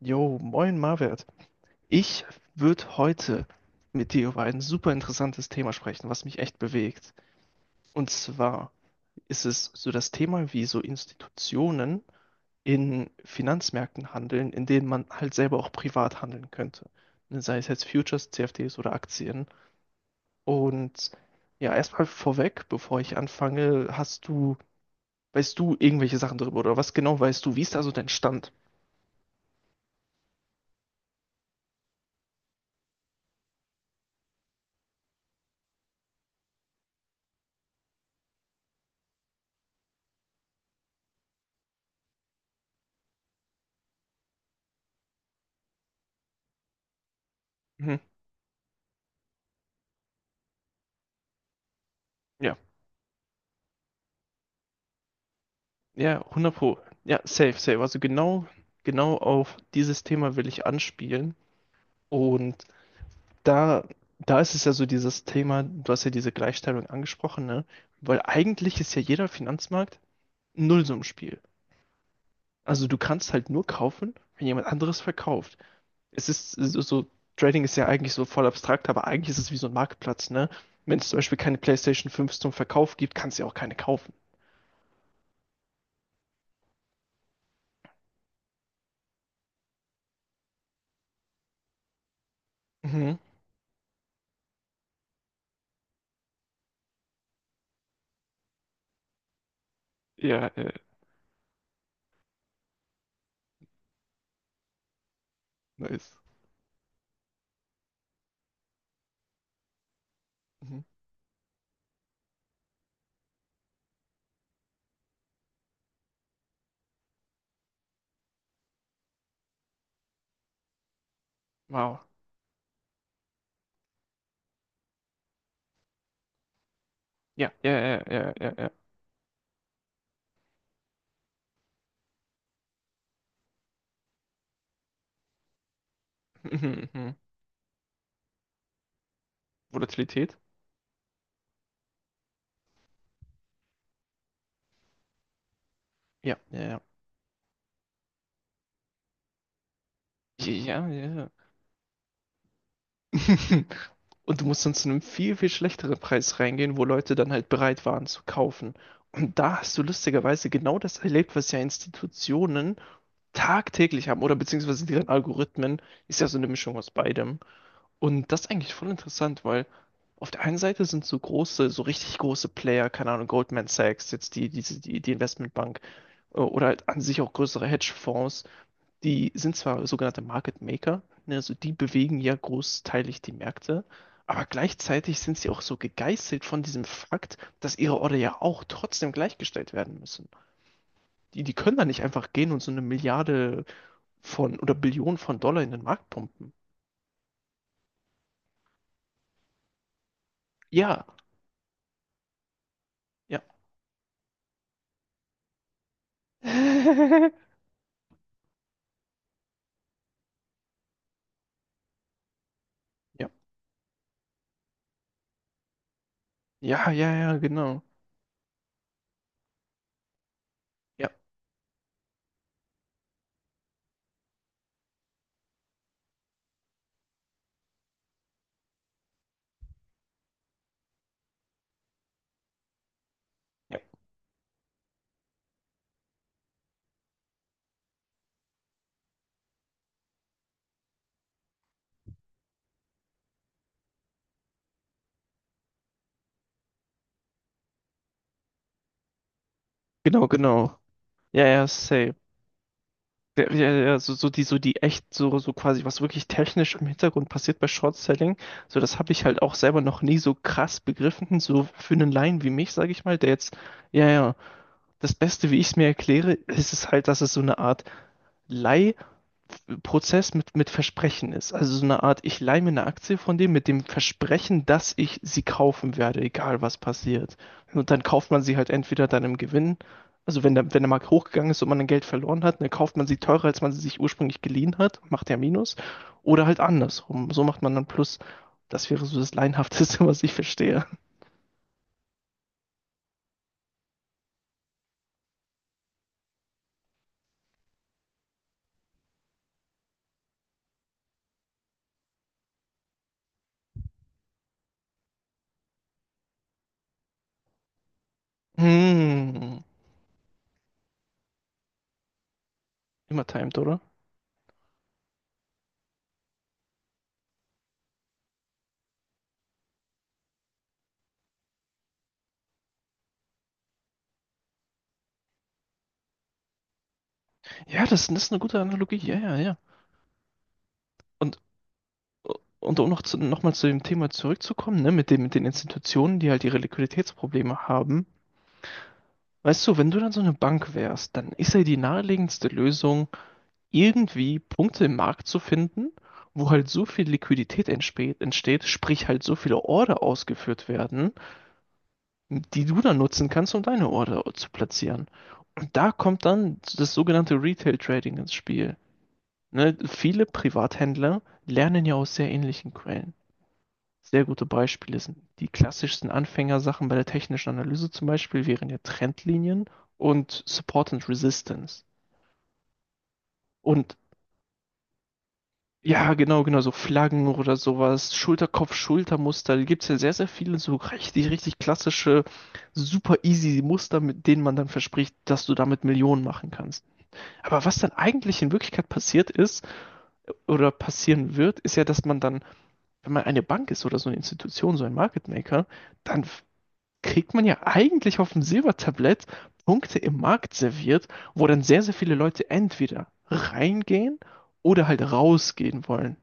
Jo, moin Marwert. Ich würde heute mit dir über ein super interessantes Thema sprechen, was mich echt bewegt. Und zwar ist es so das Thema, wie so Institutionen in Finanzmärkten handeln, in denen man halt selber auch privat handeln könnte. Ne, sei es jetzt Futures, CFDs oder Aktien. Und ja, erstmal vorweg, bevor ich anfange, weißt du irgendwelche Sachen darüber oder was genau weißt du? Wie ist da so dein Stand? Mhm. Ja. Ja, 100 Pro. Ja, safe, safe. Also genau auf dieses Thema will ich anspielen. Und da, da ist es ja so dieses Thema, du hast ja diese Gleichstellung angesprochen, ne? Weil eigentlich ist ja jeder Finanzmarkt ein Nullsummenspiel. Also du kannst halt nur kaufen, wenn jemand anderes verkauft. Es ist so, Trading ist ja eigentlich so voll abstrakt, aber eigentlich ist es wie so ein Marktplatz, ne? Wenn es zum Beispiel keine PlayStation 5 zum Verkauf gibt, kannst du ja auch keine kaufen. Mhm. Ja, nice. Mhm. Wow. Ja, ja, ja, ja, ja, ja. Mhm, mhm. Volatilität? Ja, ja, ja. Ja, ja, ja. Und du musst dann zu einem viel, viel schlechteren Preis reingehen, wo Leute dann halt bereit waren zu kaufen. Und da hast du lustigerweise genau das erlebt, was ja Institutionen tagtäglich haben oder beziehungsweise deren Algorithmen. Ist ja so eine Mischung aus beidem. Und das ist eigentlich voll interessant, weil auf der einen Seite sind so große, so richtig große Player, keine Ahnung, Goldman Sachs, jetzt die, diese die, die Investmentbank oder halt an sich auch größere Hedgefonds, die sind zwar sogenannte Market Maker, ne, also die bewegen ja großteilig die Märkte, aber gleichzeitig sind sie auch so gegeißelt von diesem Fakt, dass ihre Order ja auch trotzdem gleichgestellt werden müssen. Die können da nicht einfach gehen und so eine Milliarde von oder Billionen von Dollar in den Markt pumpen. Ja, ja, ja. Ja, ja, ja, genau. Ja, ja, genau, genau. Ja, ja, safe. Ja, ja, so die, so die echt, so quasi, was wirklich technisch im Hintergrund passiert bei Short-Selling, so das habe ich halt auch selber noch nie so krass begriffen, so für einen Laien wie mich, sage ich mal, der jetzt, ja, ja, das Beste, wie ich es mir erkläre, ist es halt, dass es so eine Art Prozess mit Versprechen ist. Also so eine Art, ich leihe mir eine Aktie von dem mit dem Versprechen, dass ich sie kaufen werde, egal was passiert. Und dann kauft man sie halt entweder dann im Gewinn, also wenn der Markt hochgegangen ist und man dann Geld verloren hat, dann kauft man sie teurer, als man sie sich ursprünglich geliehen hat, macht ja Minus. Oder halt andersrum. So macht man dann Plus. Das wäre so das Laienhafteste, was ich verstehe. Hm. Immer timed, oder? Ja, das ist eine gute Analogie. Ja, ja, ja. Und Und um noch mal zu dem Thema zurückzukommen, ne, mit den Institutionen, die halt ihre Liquiditätsprobleme haben. Weißt du, wenn du dann so eine Bank wärst, dann ist ja die naheliegendste Lösung, irgendwie Punkte im Markt zu finden, wo halt so viel Liquidität entsteht, sprich halt so viele Order ausgeführt werden, die du dann nutzen kannst, um deine Order zu platzieren. Und da kommt dann das sogenannte Retail Trading ins Spiel. Ne, viele Privathändler lernen ja aus sehr ähnlichen Quellen. Sehr gute Beispiele sind die klassischsten Anfängersachen bei der technischen Analyse, zum Beispiel wären ja Trendlinien und Support and Resistance. Und ja, genau, genau, so Flaggen oder sowas, Schulterkopf-Schultermuster, da gibt es ja sehr, sehr viele so richtig, richtig klassische, super easy Muster, mit denen man dann verspricht, dass du damit Millionen machen kannst. Aber was dann eigentlich in Wirklichkeit passiert ist oder passieren wird, ist ja, dass man dann, wenn man eine Bank ist oder so eine Institution, so ein Market Maker, dann f- kriegt man ja eigentlich auf dem Silbertablett Punkte im Markt serviert, wo dann sehr, sehr viele Leute entweder reingehen oder halt rausgehen wollen.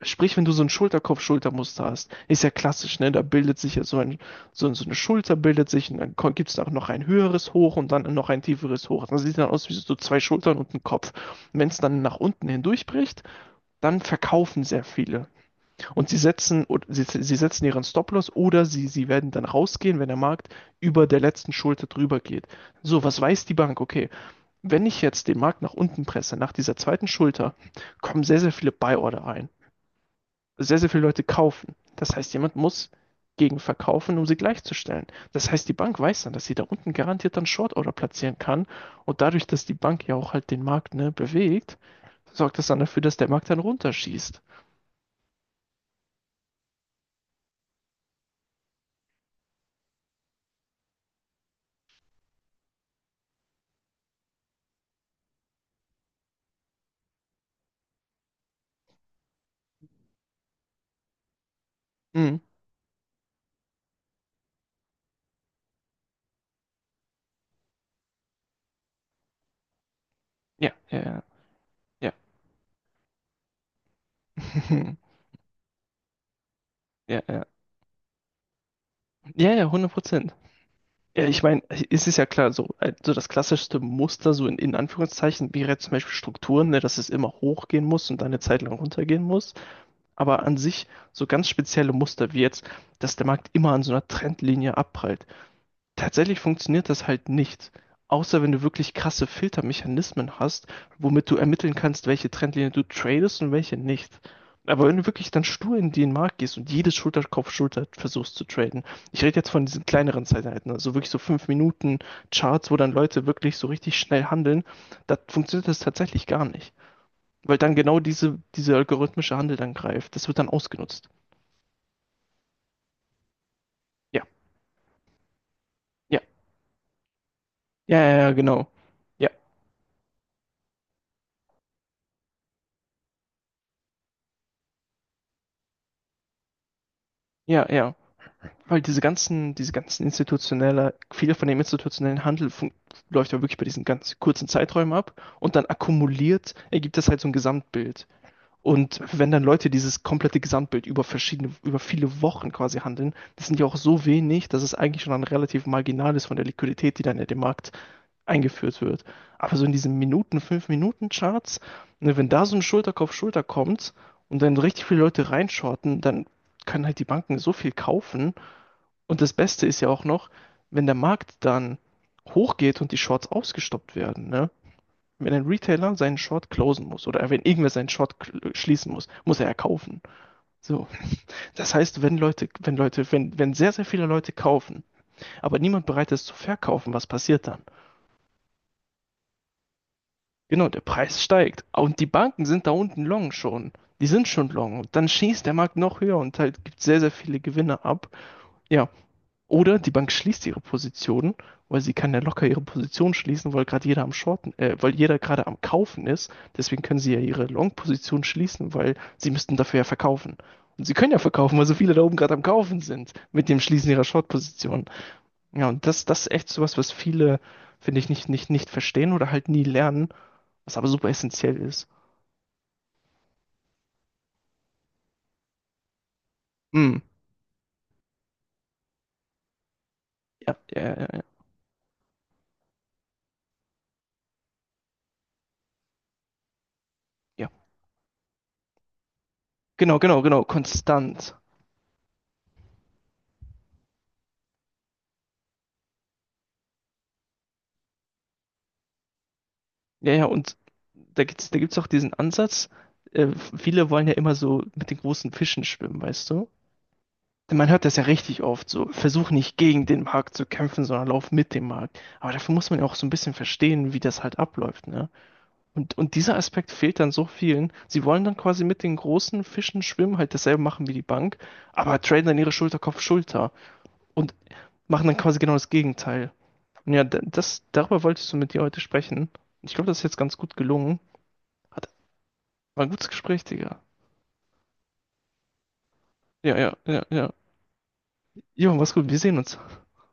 Sprich, wenn du so ein Schulterkopf-Schultermuster hast, ist ja klassisch, ne? Da bildet sich ja so eine Schulter, bildet sich, und dann gibt es auch noch ein höheres Hoch und dann noch ein tieferes Hoch. Das sieht dann aus wie so zwei Schultern und ein Kopf. Wenn es dann nach unten hindurchbricht, dann verkaufen sehr viele. Und sie setzen ihren Stop-Loss oder sie werden dann rausgehen, wenn der Markt über der letzten Schulter drüber geht. So, was weiß die Bank? Okay, wenn ich jetzt den Markt nach unten presse, nach dieser zweiten Schulter, kommen sehr, sehr viele Buy-Order ein. Sehr, sehr viele Leute kaufen. Das heißt, jemand muss gegen verkaufen, um sie gleichzustellen. Das heißt, die Bank weiß dann, dass sie da unten garantiert dann Short-Order platzieren kann. Und dadurch, dass die Bank ja auch halt den Markt, ne, bewegt, sorgt das dann dafür, dass der Markt dann runterschießt. Mhm. Ja, ja, ja. Ja. Ja, ja. Ja, ja, hundert Prozent. Ja, ich meine, es ist ja klar, so, so das klassischste Muster, so in Anführungszeichen, wäre jetzt zum Beispiel Strukturen, ne, dass es immer hochgehen muss und dann eine Zeit lang runtergehen muss. Aber an sich so ganz spezielle Muster wie jetzt, dass der Markt immer an so einer Trendlinie abprallt. Tatsächlich funktioniert das halt nicht, außer wenn du wirklich krasse Filtermechanismen hast, womit du ermitteln kannst, welche Trendlinie du tradest und welche nicht. Aber wenn du wirklich dann stur in den Markt gehst und jedes Schulter-Kopf-Schulter versuchst zu traden, ich rede jetzt von diesen kleineren Zeiteinheiten, also wirklich so 5 Minuten Charts, wo dann Leute wirklich so richtig schnell handeln, da funktioniert das tatsächlich gar nicht. Weil dann genau diese algorithmische Handel dann greift. Das wird dann ausgenutzt. Ja, ja, ja, ja, ja, genau. Ja, ja, ja. Weil viel von dem institutionellen Handel läuft ja wirklich bei diesen ganz kurzen Zeiträumen ab und dann akkumuliert ergibt das halt so ein Gesamtbild. Und wenn dann Leute dieses komplette Gesamtbild über verschiedene, über viele Wochen quasi handeln, das sind ja auch so wenig, dass es eigentlich schon ein relativ marginal ist von der Liquidität, die dann in den Markt eingeführt wird. Aber so in diesen Minuten, fünf Minuten Charts, ne, wenn da so ein Schulterkopf Schulter kommt und dann richtig viele Leute reinschorten, dann können halt die Banken so viel kaufen, und das Beste ist ja auch noch, wenn der Markt dann hochgeht und die Shorts ausgestoppt werden, ne? Wenn ein Retailer seinen Short closen muss oder wenn irgendwer seinen schließen muss, muss er ja kaufen. So. Das heißt, wenn sehr, sehr viele Leute kaufen, aber niemand bereit ist zu verkaufen, was passiert dann? Genau, der Preis steigt. Und die Banken sind da unten long schon. Die sind schon long. Und dann schießt der Markt noch höher und halt gibt sehr, sehr viele Gewinne ab. Ja, oder die Bank schließt ihre Positionen, weil sie kann ja locker ihre Position schließen, weil jeder gerade am Kaufen ist. Deswegen können sie ja ihre Long-Position schließen, weil sie müssten dafür ja verkaufen. Und sie können ja verkaufen, weil so viele da oben gerade am Kaufen sind mit dem Schließen ihrer Short-Position. Ja, und das ist echt sowas, was viele, finde ich, nicht verstehen oder halt nie lernen, was aber super essentiell ist. Hm. Ja, ja, ja, ja. Genau, genau, genau. Konstant. Ja, ja, und da gibt's auch diesen Ansatz, äh, viele wollen ja immer so mit den großen Fischen schwimmen, weißt du? Man hört das ja richtig oft, so versuch nicht gegen den Markt zu kämpfen, sondern lauf mit dem Markt. Aber dafür muss man ja auch so ein bisschen verstehen, wie das halt abläuft, ne? Und dieser Aspekt fehlt dann so vielen. Sie wollen dann quasi mit den großen Fischen schwimmen, halt dasselbe machen wie die Bank, aber traden dann ihre Schulter Kopf Schulter und machen dann quasi genau das Gegenteil. Und ja, darüber wolltest du mit dir heute sprechen. Ich glaube, das ist jetzt ganz gut gelungen. Hat, War ein gutes Gespräch, Digga. Ja, ja, ja, ja. Jo, mach's gut. Wir sehen uns.